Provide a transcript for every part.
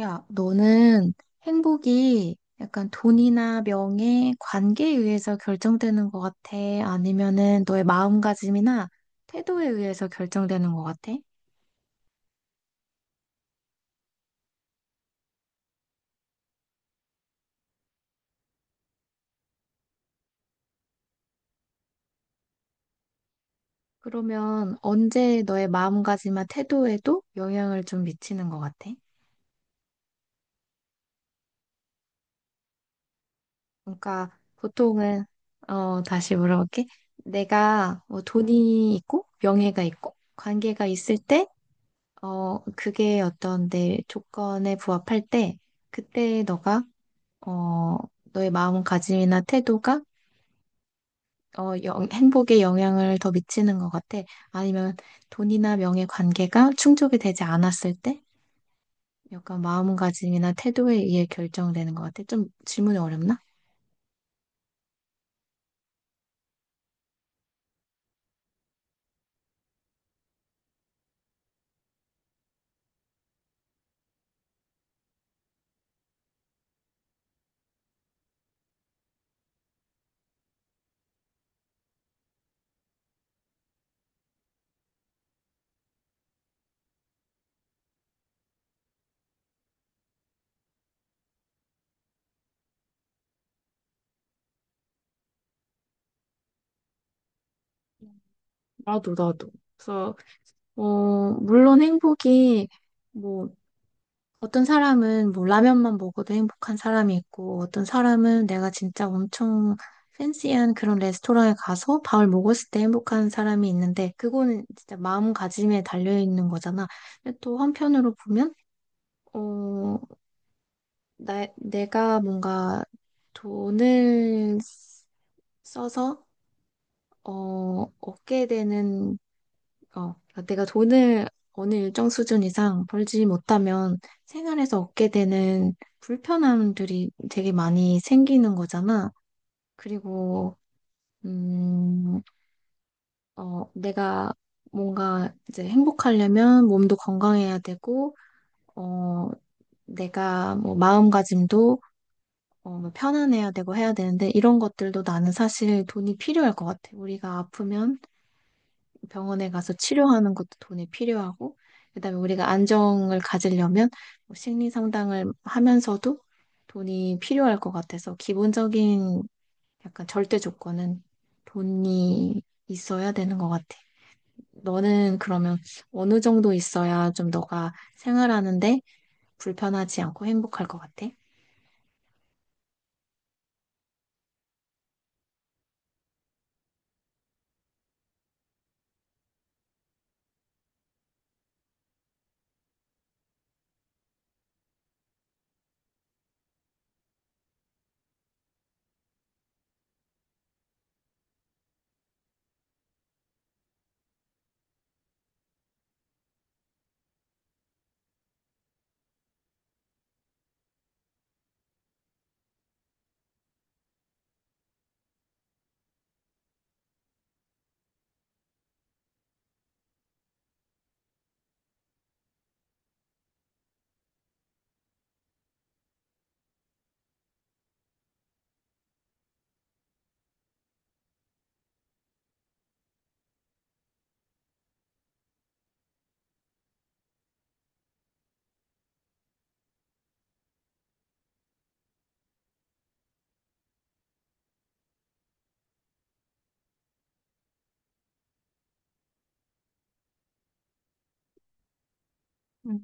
야, 너는 행복이 약간 돈이나 명예, 관계에 의해서 결정되는 것 같아? 아니면은 너의 마음가짐이나 태도에 의해서 결정되는 것 같아? 그러면 언제 너의 마음가짐이나 태도에도 영향을 좀 미치는 것 같아? 그러니까 보통은, 다시 물어볼게. 내가 뭐 돈이 있고, 명예가 있고, 관계가 있을 때, 그게 어떤 내 조건에 부합할 때, 그때 너가 어, 너의 마음가짐이나 태도가 행복에 영향을 더 미치는 것 같아. 아니면 돈이나 명예 관계가 충족이 되지 않았을 때 약간 마음가짐이나 태도에 의해 결정되는 것 같아. 좀 질문이 어렵나? 나도, 나도. 그래서, 물론 행복이, 뭐, 어떤 사람은 뭐 라면만 먹어도 행복한 사람이 있고, 어떤 사람은 내가 진짜 엄청 팬시한 그런 레스토랑에 가서 밥을 먹었을 때 행복한 사람이 있는데, 그거는 진짜 마음가짐에 달려있는 거잖아. 근데 또 한편으로 보면, 어, 내가 뭔가 돈을 써서, 얻게 되는 그러니까 내가 돈을 어느 일정 수준 이상 벌지 못하면 생활에서 얻게 되는 불편함들이 되게 많이 생기는 거잖아. 그리고, 음, 내가 뭔가 이제 행복하려면 몸도 건강해야 되고, 어, 내가 뭐 마음가짐도 뭐 편안해야 되고 해야 되는데 이런 것들도 나는 사실 돈이 필요할 것 같아. 우리가 아프면 병원에 가서 치료하는 것도 돈이 필요하고, 그다음에 우리가 안정을 가지려면 뭐 심리 상담을 하면서도 돈이 필요할 것 같아서 기본적인 약간 절대 조건은 돈이 있어야 되는 것 같아. 너는 그러면 어느 정도 있어야 좀 너가 생활하는데 불편하지 않고 행복할 것 같아? 음.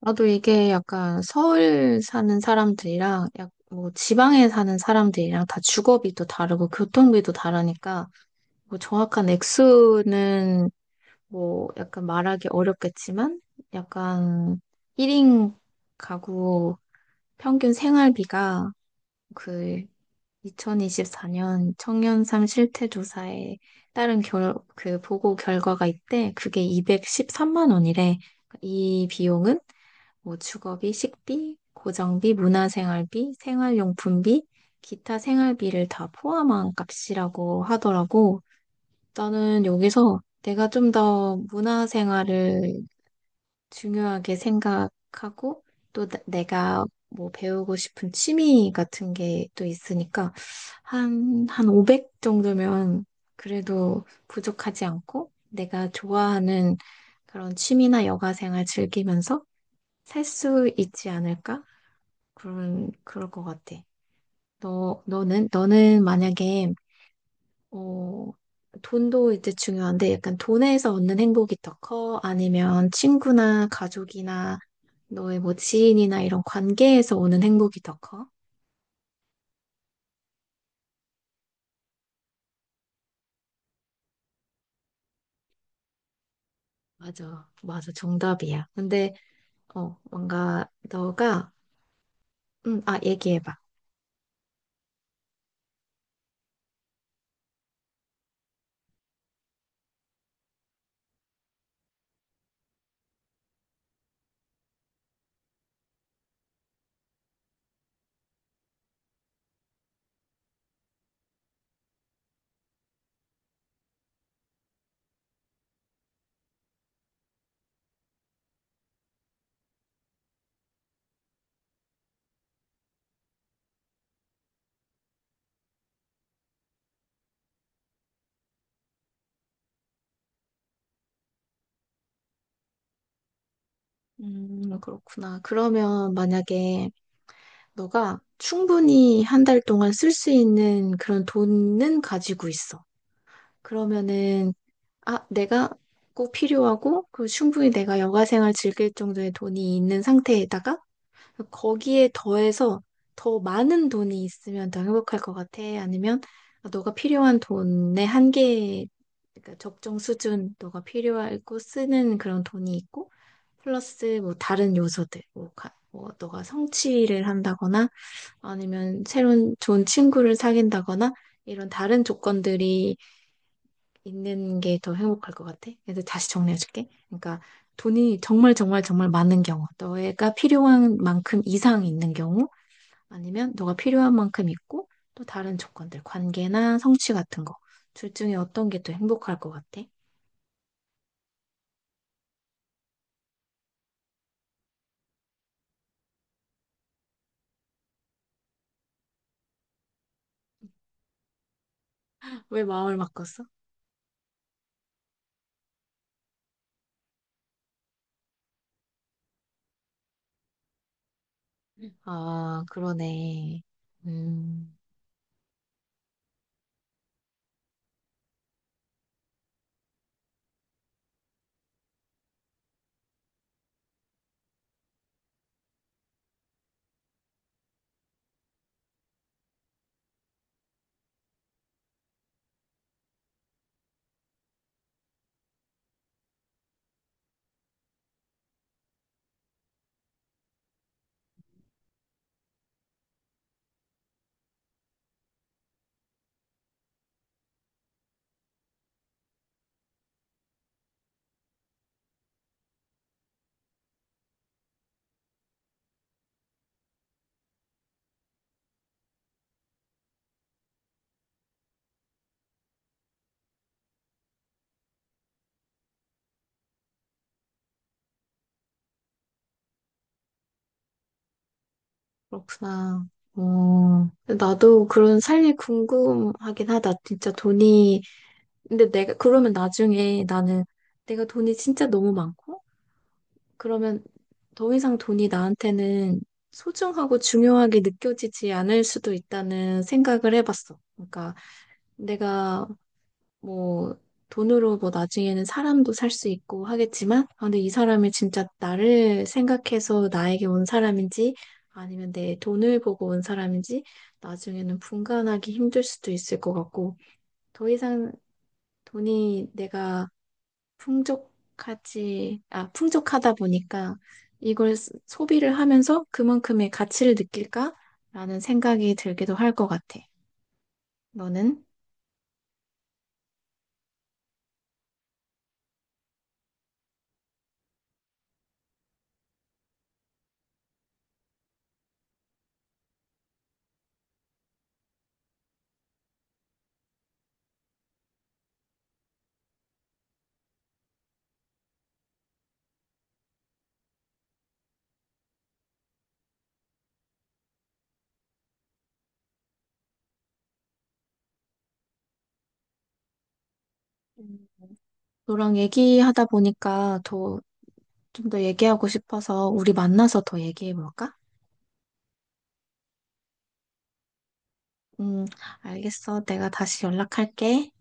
나도 이게 약간 서울 사는 사람들이랑 약 뭐 지방에 사는 사람들이랑 다 주거비도 다르고 교통비도 다르니까 뭐 정확한 액수는 뭐 약간 말하기 어렵겠지만 약간 1인 가구 평균 생활비가 그 2024년 청년삶 실태조사에 따른 그 보고 결과가 있대. 그게 213만 원이래. 그러니까 이 비용은 뭐 주거비, 식비, 고정비, 문화생활비, 생활용품비, 기타 생활비를 다 포함한 값이라고 하더라고. 나는 여기서 내가 좀 더 문화생활을 중요하게 생각하고 또 내가 뭐 배우고 싶은 취미 같은 게 또 있으니까 한 500 정도면 그래도 부족하지 않고 내가 좋아하는 그런 취미나 여가 생활 즐기면서 살 수 있지 않을까? 그럴 것 같아. 너는 만약에, 어, 돈도 이제 중요한데 약간 돈에서 얻는 행복이 더 커? 아니면 친구나 가족이나 너의 뭐 지인이나 이런 관계에서 오는 행복이 더 커? 맞아, 맞아, 정답이야. 근데, 뭔가 너가, 얘기해봐. 그렇구나. 그러면 만약에 너가 충분히 한 달 동안 쓸 수 있는 그런 돈은 가지고 있어. 그러면은 내가 꼭 필요하고, 그 충분히 내가 여가생활 즐길 정도의 돈이 있는 상태에다가, 거기에 더해서 더 많은 돈이 있으면 더 행복할 것 같아? 아니면, 너가 필요한 돈의 한계, 그러니까 적정 수준, 너가 필요하고 쓰는 그런 돈이 있고, 플러스 뭐 다른 요소들, 뭐, 뭐 너가 성취를 한다거나, 아니면 새로운 좋은 친구를 사귄다거나, 이런 다른 조건들이 있는 게 더 행복할 것 같아. 그래서 다시 정리해줄게. 그러니까 돈이 정말 정말 정말 많은 경우, 너가 필요한 만큼 이상 있는 경우, 아니면 너가 필요한 만큼 있고 또 다른 조건들, 관계나 성취 같은 거. 둘 중에 어떤 게 더 행복할 것 같아? 왜 마음을 바꿨어? 아, 그러네. 음, 그렇구나. 어, 나도 그런 삶이 궁금하긴 하다. 진짜 돈이 근데 내가 그러면 나중에 나는 내가 돈이 진짜 너무 많고 그러면 더 이상 돈이 나한테는 소중하고 중요하게 느껴지지 않을 수도 있다는 생각을 해봤어. 그러니까 내가 뭐 돈으로 뭐 나중에는 사람도 살 수 있고 하겠지만 아, 근데 이 사람이 진짜 나를 생각해서 나에게 온 사람인지 아니면 내 돈을 보고 온 사람인지 나중에는 분간하기 힘들 수도 있을 것 같고 더 이상 돈이 내가 풍족하다 보니까 이걸 소비를 하면서 그만큼의 가치를 느낄까라는 생각이 들기도 할 것 같아. 너는? 음. 너랑 얘기하다 보니까 더, 좀 더 얘기하고 싶어서 우리 만나서 더 얘기해 볼까? 음, 알겠어. 내가 다시 연락할게.